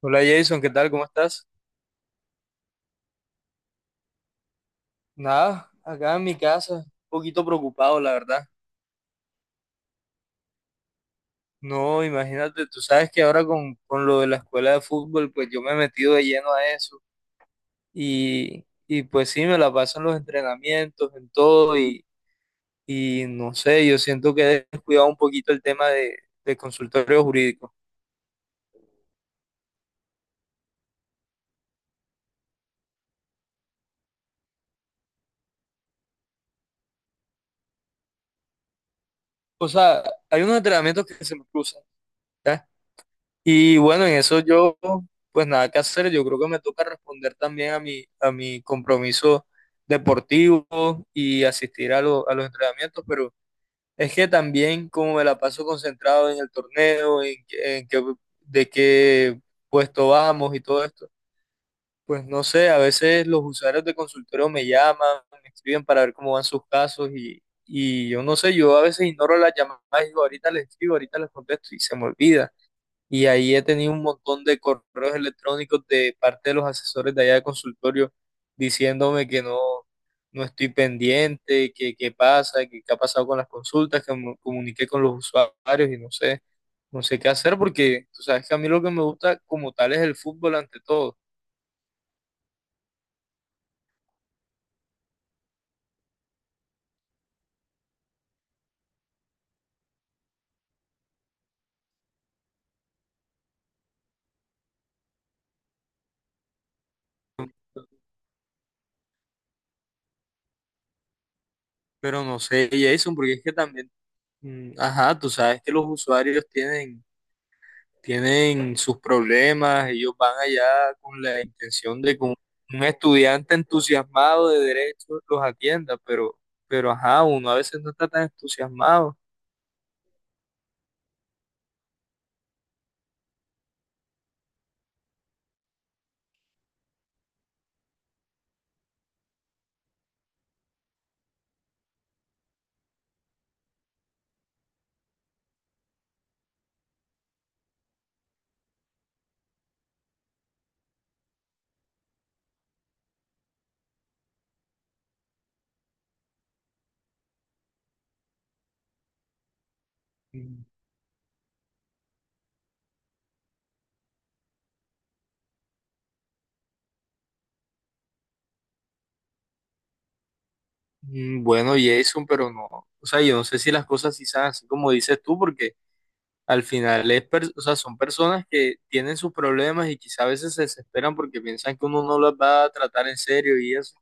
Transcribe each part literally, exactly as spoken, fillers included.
Hola Jason, ¿qué tal? ¿Cómo estás? Nada, acá en mi casa, un poquito preocupado, la verdad. No, imagínate, tú sabes que ahora con, con lo de la escuela de fútbol, pues yo me he metido de lleno a eso y, y pues sí, me la paso en los entrenamientos, en todo y, y no sé, yo siento que he descuidado un poquito el tema de, de consultorio jurídico. O sea, hay unos entrenamientos que se me cruzan. ¿Ya? Y bueno, en eso yo, pues nada que hacer. Yo creo que me toca responder también a mi, a mi compromiso deportivo y asistir a, lo- a los entrenamientos, pero es que también como me la paso concentrado en el torneo, en, qué- en qué- de qué puesto vamos y todo esto, pues no sé, a veces los usuarios de consultorio me llaman, me escriben para ver cómo van sus casos y, y yo no sé, yo a veces ignoro las llamadas y digo, ahorita les escribo, ahorita les contesto y se me olvida. Y ahí he tenido un montón de correos electrónicos de parte de los asesores de allá de consultorio diciéndome que no, no estoy pendiente, que qué pasa, que qué ha pasado con las consultas, que me comuniqué con los usuarios y no sé, no sé qué hacer porque tú sabes que a mí lo que me gusta como tal es el fútbol ante todo. Pero no sé, Jason, porque es que también, mm, ajá, tú sabes que los usuarios tienen tienen sus problemas, ellos van allá con la intención de que un, un estudiante entusiasmado de derecho los atienda, pero, pero ajá, uno a veces no está tan entusiasmado. Mm, mm, Bueno, Jason, pero no, o sea, yo no sé si las cosas sí son así como dices tú, porque al final es, per- o sea, son personas que tienen sus problemas y quizá a veces se desesperan porque piensan que uno no las va a tratar en serio y eso.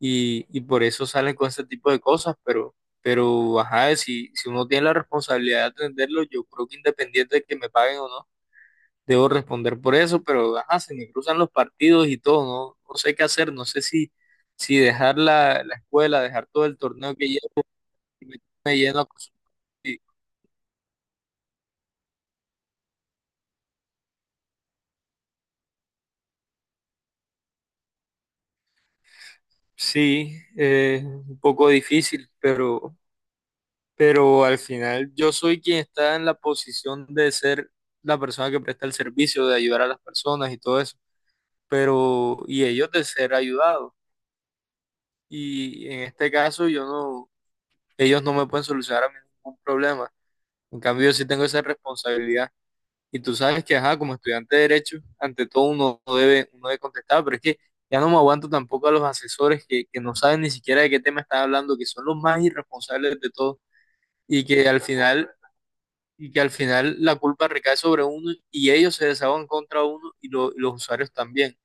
y, y por eso salen con ese tipo de cosas, pero, pero ajá, si, si uno tiene la responsabilidad de atenderlo, yo creo que independiente de que me paguen o no, debo responder por eso, pero ajá, se me cruzan los partidos y todo, no, no sé qué hacer, no sé si, si dejar la, la escuela, dejar todo el torneo que llevo, y me, me lleno a cosas así. Sí, eh, un poco difícil, pero, pero al final yo soy quien está en la posición de ser la persona que presta el servicio, de ayudar a las personas y todo eso. Pero y ellos de ser ayudados. Y en este caso yo no, ellos no me pueden solucionar a mí ningún problema. En cambio yo sí tengo esa responsabilidad. Y tú sabes que, ajá, como estudiante de derecho, ante todo uno no debe, uno debe contestar, pero es que ya no me aguanto tampoco a los asesores que, que no saben ni siquiera de qué tema están hablando, que son los más irresponsables de todo y que al final y que al final la culpa recae sobre uno y ellos se desahogan contra uno y, lo- y los usuarios también.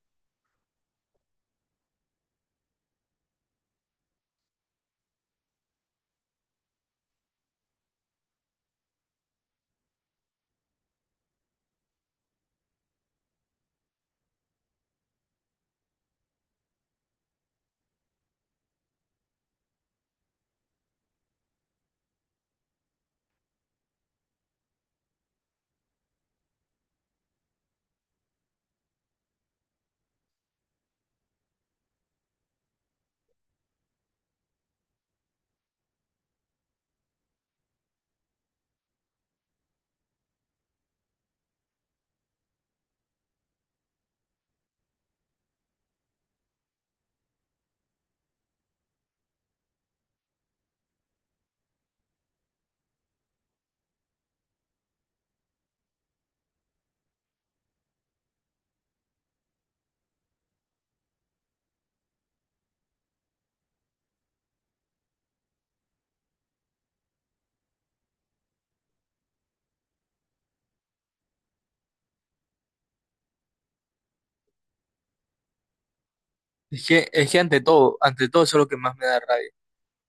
Es que, es que ante todo, ante todo eso es lo que más me da rabia.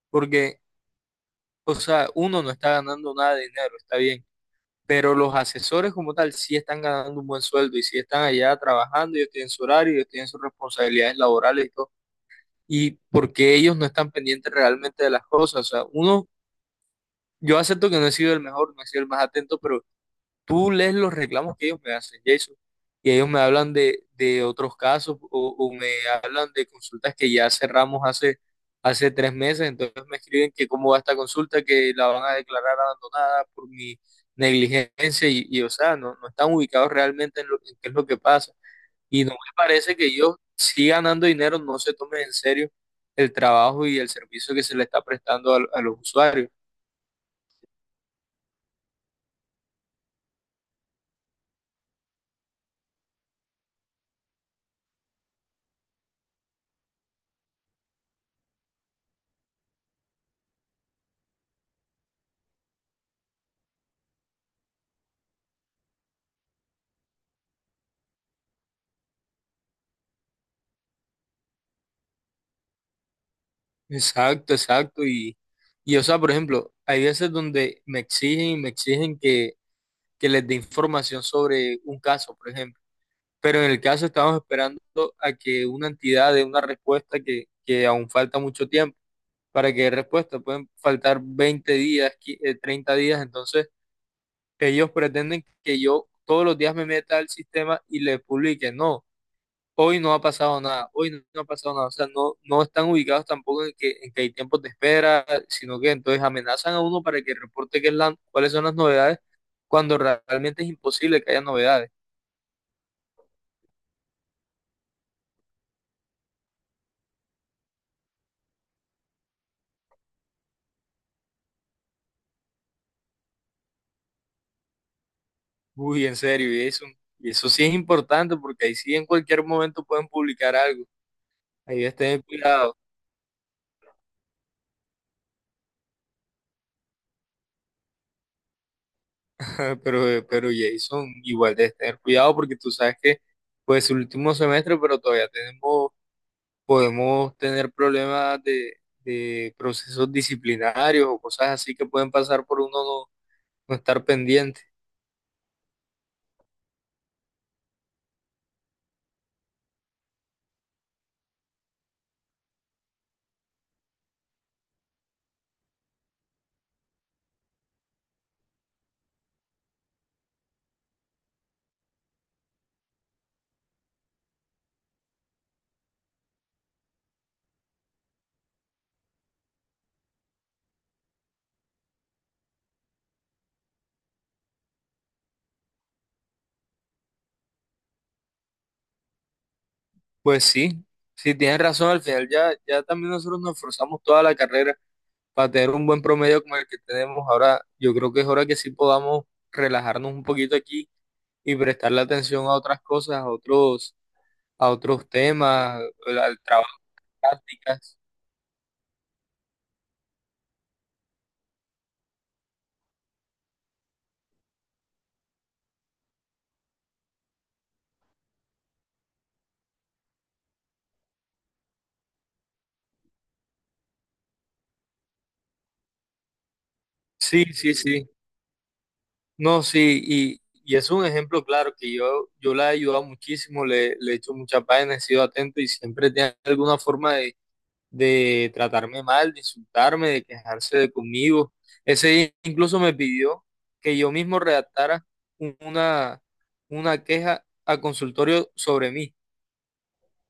Porque, o sea, uno no está ganando nada de dinero, está bien, pero los asesores como tal sí están ganando un buen sueldo y sí están allá trabajando, ellos tienen su horario, ellos tienen sus responsabilidades laborales y todo. Y porque ellos no están pendientes realmente de las cosas. O sea, uno, yo acepto que no he sido el mejor, no he sido el más atento, pero tú lees los reclamos que ellos me hacen, Jason, y ellos me hablan de, de otros casos o, o me hablan de consultas que ya cerramos hace, hace tres meses, entonces me escriben que cómo va esta consulta, que la van a declarar abandonada por mi negligencia y, y, o sea, no, no están ubicados realmente en, lo, en qué es lo que pasa. Y no me parece que ellos, si ganando dinero, no se tomen en serio el trabajo y el servicio que se le está prestando a, a los usuarios. Exacto, exacto. Y, y, o sea, por ejemplo, hay veces donde me exigen y me exigen que, que les dé información sobre un caso, por ejemplo. Pero en el caso estamos esperando a que una entidad dé una respuesta que, que aún falta mucho tiempo para que dé respuesta. Pueden faltar veinte días, qui- eh, treinta días. Entonces, ellos pretenden que yo todos los días me meta al sistema y les publique. No. Hoy no ha pasado nada, hoy no, no ha pasado nada, o sea, no, no están ubicados tampoco en que, en que, hay tiempos de espera, sino que entonces amenazan a uno para que reporte qué es la- cuáles son las novedades, cuando realmente es imposible que haya novedades. Uy, en serio, y eso, y eso sí es importante, porque ahí sí en cualquier momento pueden publicar algo, ahí debes tener cuidado, pero, eh, pero Jason, igual debes tener cuidado porque tú sabes que pues el último semestre, pero todavía tenemos podemos tener problemas de, de procesos disciplinarios o cosas así que pueden pasar por uno no, no estar pendiente. Pues sí, sí, tienes razón, al final ya, ya también nosotros nos esforzamos toda la carrera para tener un buen promedio como el que tenemos ahora. Yo creo que es hora que sí podamos relajarnos un poquito aquí y prestarle atención a otras cosas, a otros. A otros temas, al al trabajo, prácticas. Sí, sí, sí. No, sí, y, y es un ejemplo claro que yo, yo la he ayudado muchísimo, le, le he hecho muchas páginas, he sido atento y siempre tiene alguna forma de, de tratarme mal, de insultarme, de quejarse de conmigo. Ese día incluso me pidió que yo mismo redactara un- una, una queja a consultorio sobre mí,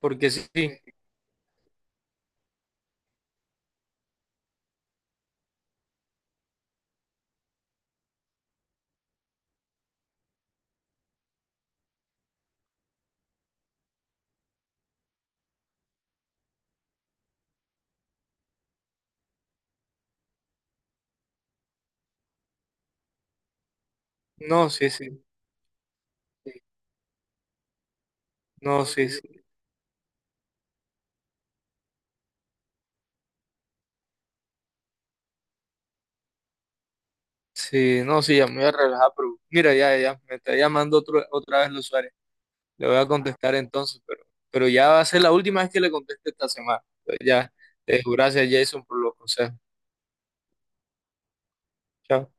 porque sí, sí, no, sí, sí, no, sí, sí. Sí, no, sí, ya me voy a relajar, pero mira, ya, ya, me está llamando otro, otra vez los Suárez. Le voy a contestar entonces, pero, pero ya va a ser la última vez que le conteste esta semana. Entonces, ya, eh, gracias Jason por los consejos. Chao.